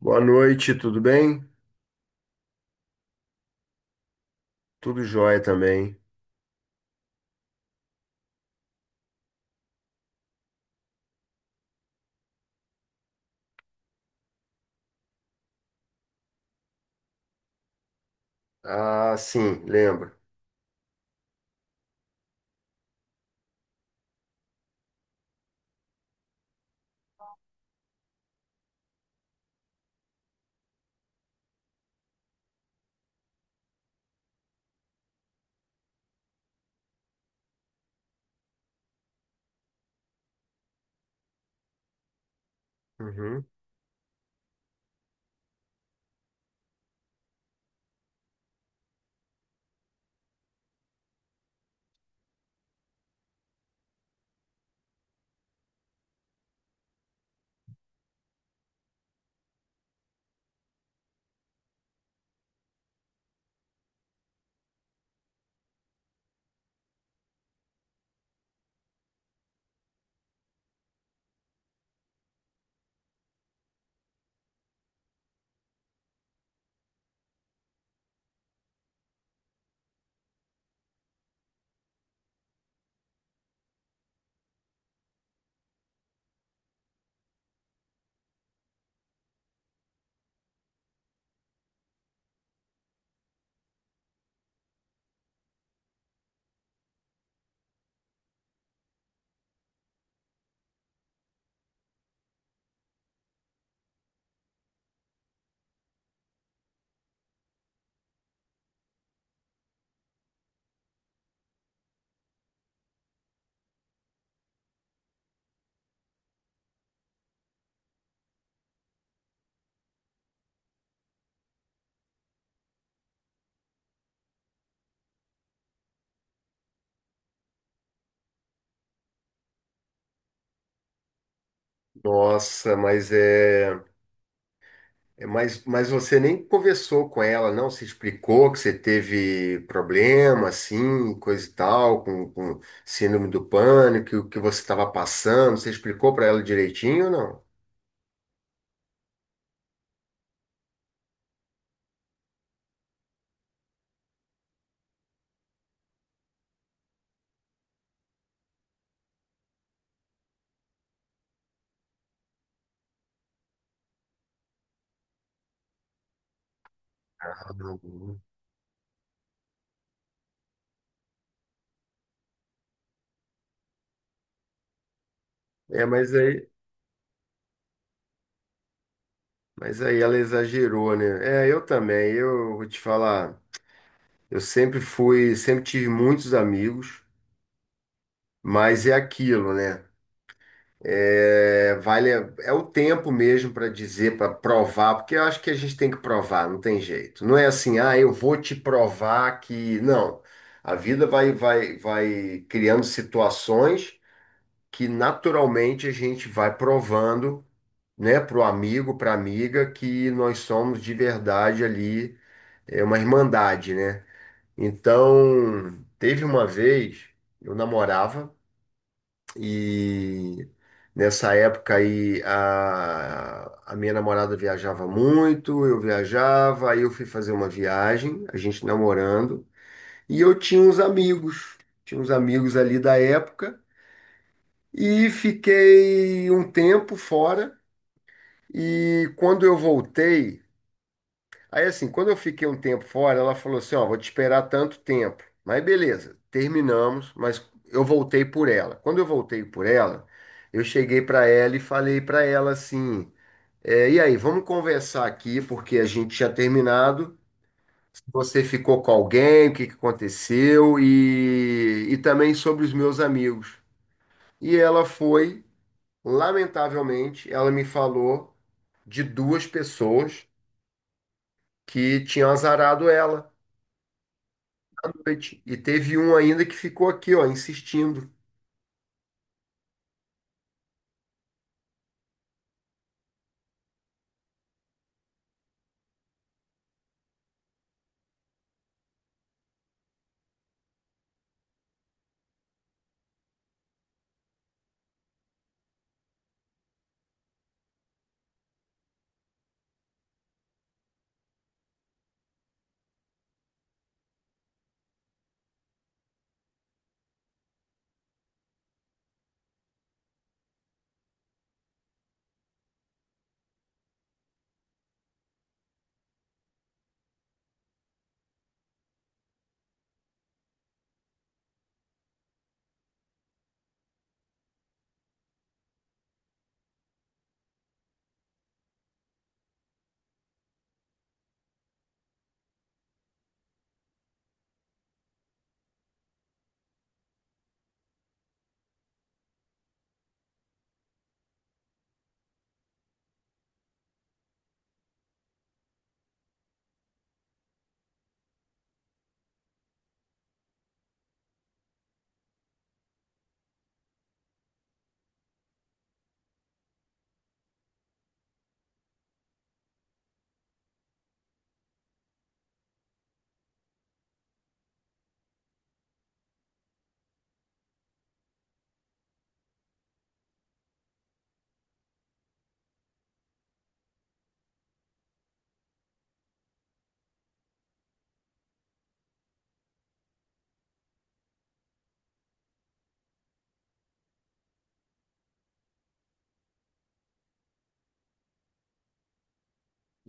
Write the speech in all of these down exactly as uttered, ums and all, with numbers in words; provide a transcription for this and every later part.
Boa noite, tudo bem? Tudo jóia também. Ah, sim, lembro. Uhum. Nossa, mas é, é mas, mas você nem conversou com ela, não? Se explicou que você teve problema, assim, coisa e tal, com, com síndrome do pânico, que o que você estava passando, você explicou para ela direitinho ou não? Ah, não. É, mas aí, mas aí ela exagerou, né? É, eu também, eu vou te falar, eu sempre fui, sempre tive muitos amigos. Mas é aquilo, né? É, vale, é o tempo mesmo para dizer, para provar, porque eu acho que a gente tem que provar, não tem jeito. Não é assim, ah, eu vou te provar que. Não. A vida vai, vai, vai criando situações que naturalmente a gente vai provando, né, para o amigo, para a amiga, que nós somos de verdade ali, é uma irmandade, né? Então, teve uma vez, eu namorava. E nessa época aí a, a minha namorada viajava muito, eu viajava, aí eu fui fazer uma viagem, a gente namorando, e eu tinha uns amigos, tinha uns amigos ali da época, e fiquei um tempo fora, e quando eu voltei, aí assim, quando eu fiquei um tempo fora, ela falou assim, ó, vou te esperar tanto tempo. Mas beleza, terminamos, mas eu voltei por ela. Quando eu voltei por ela, eu cheguei para ela e falei para ela assim, é, e aí, vamos conversar aqui, porque a gente tinha terminado. Se você ficou com alguém, o que que aconteceu e, e também sobre os meus amigos. E ela foi, lamentavelmente, ela me falou de duas pessoas que tinham azarado ela. À noite. E teve um ainda que ficou aqui, ó, insistindo.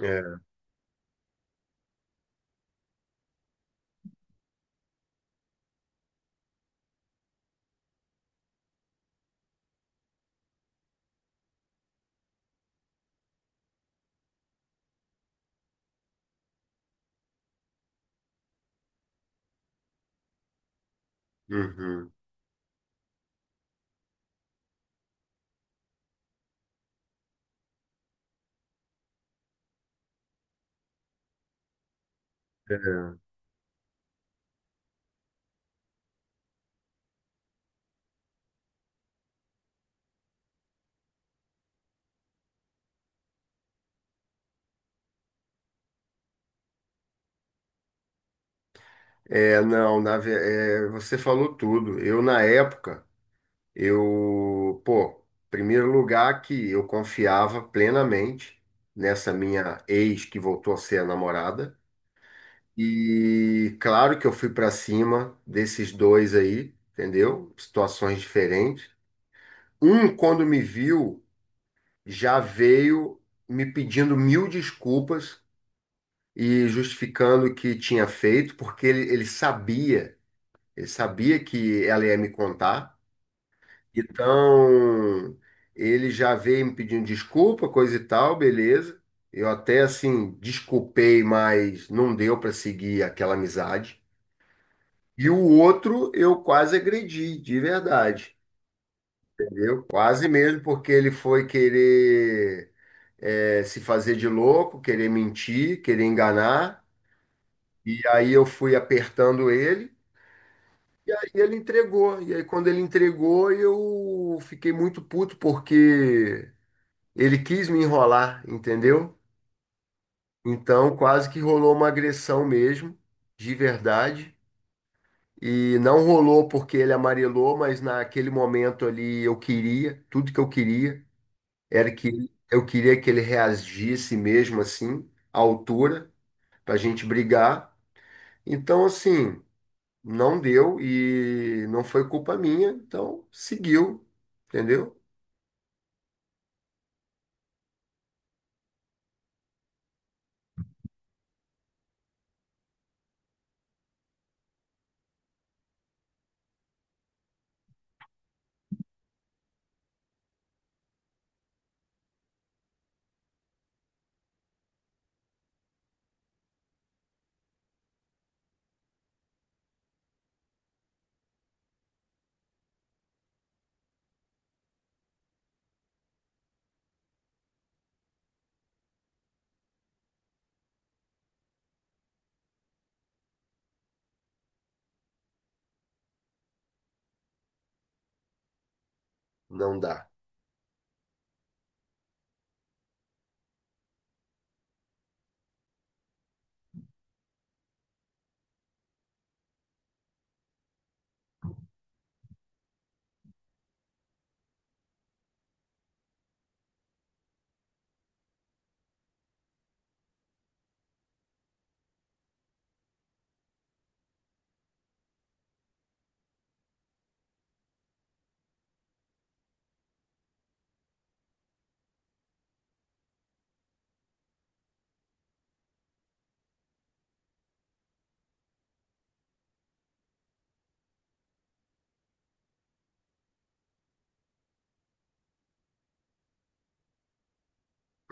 É, uhum. É, É, não, na, ve- é, você falou tudo. Eu, na época, eu, pô, primeiro lugar que eu confiava plenamente nessa minha ex que voltou a ser a namorada. E claro que eu fui pra cima desses dois aí, entendeu? Situações diferentes. Um, quando me viu, já veio me pedindo mil desculpas e justificando o que tinha feito, porque ele, ele sabia, ele sabia que ela ia me contar. Então, ele já veio me pedindo desculpa, coisa e tal, beleza. Eu até assim desculpei, mas não deu para seguir aquela amizade. E o outro eu quase agredi, de verdade, entendeu? Quase mesmo, porque ele foi querer eh, se fazer de louco, querer mentir, querer enganar. E aí eu fui apertando ele. E ele entregou. E aí, quando ele entregou, eu fiquei muito puto porque ele quis me enrolar, entendeu? Então, quase que rolou uma agressão mesmo, de verdade. E não rolou porque ele amarelou, mas naquele momento ali eu queria, tudo que eu queria era que eu queria que ele reagisse mesmo assim, à altura, pra gente brigar. Então, assim, não deu e não foi culpa minha, então seguiu, entendeu? Não dá.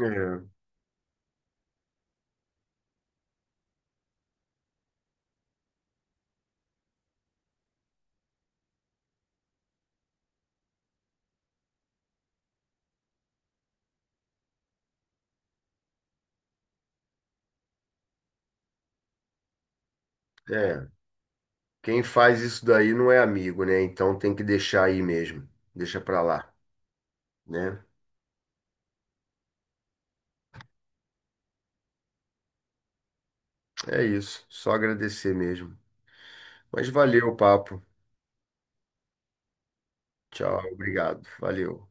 É, é. Quem faz isso daí não é amigo, né? Então tem que deixar aí mesmo. Deixa pra lá, né? É isso. Só agradecer mesmo. Mas valeu o papo. Tchau, obrigado. Valeu.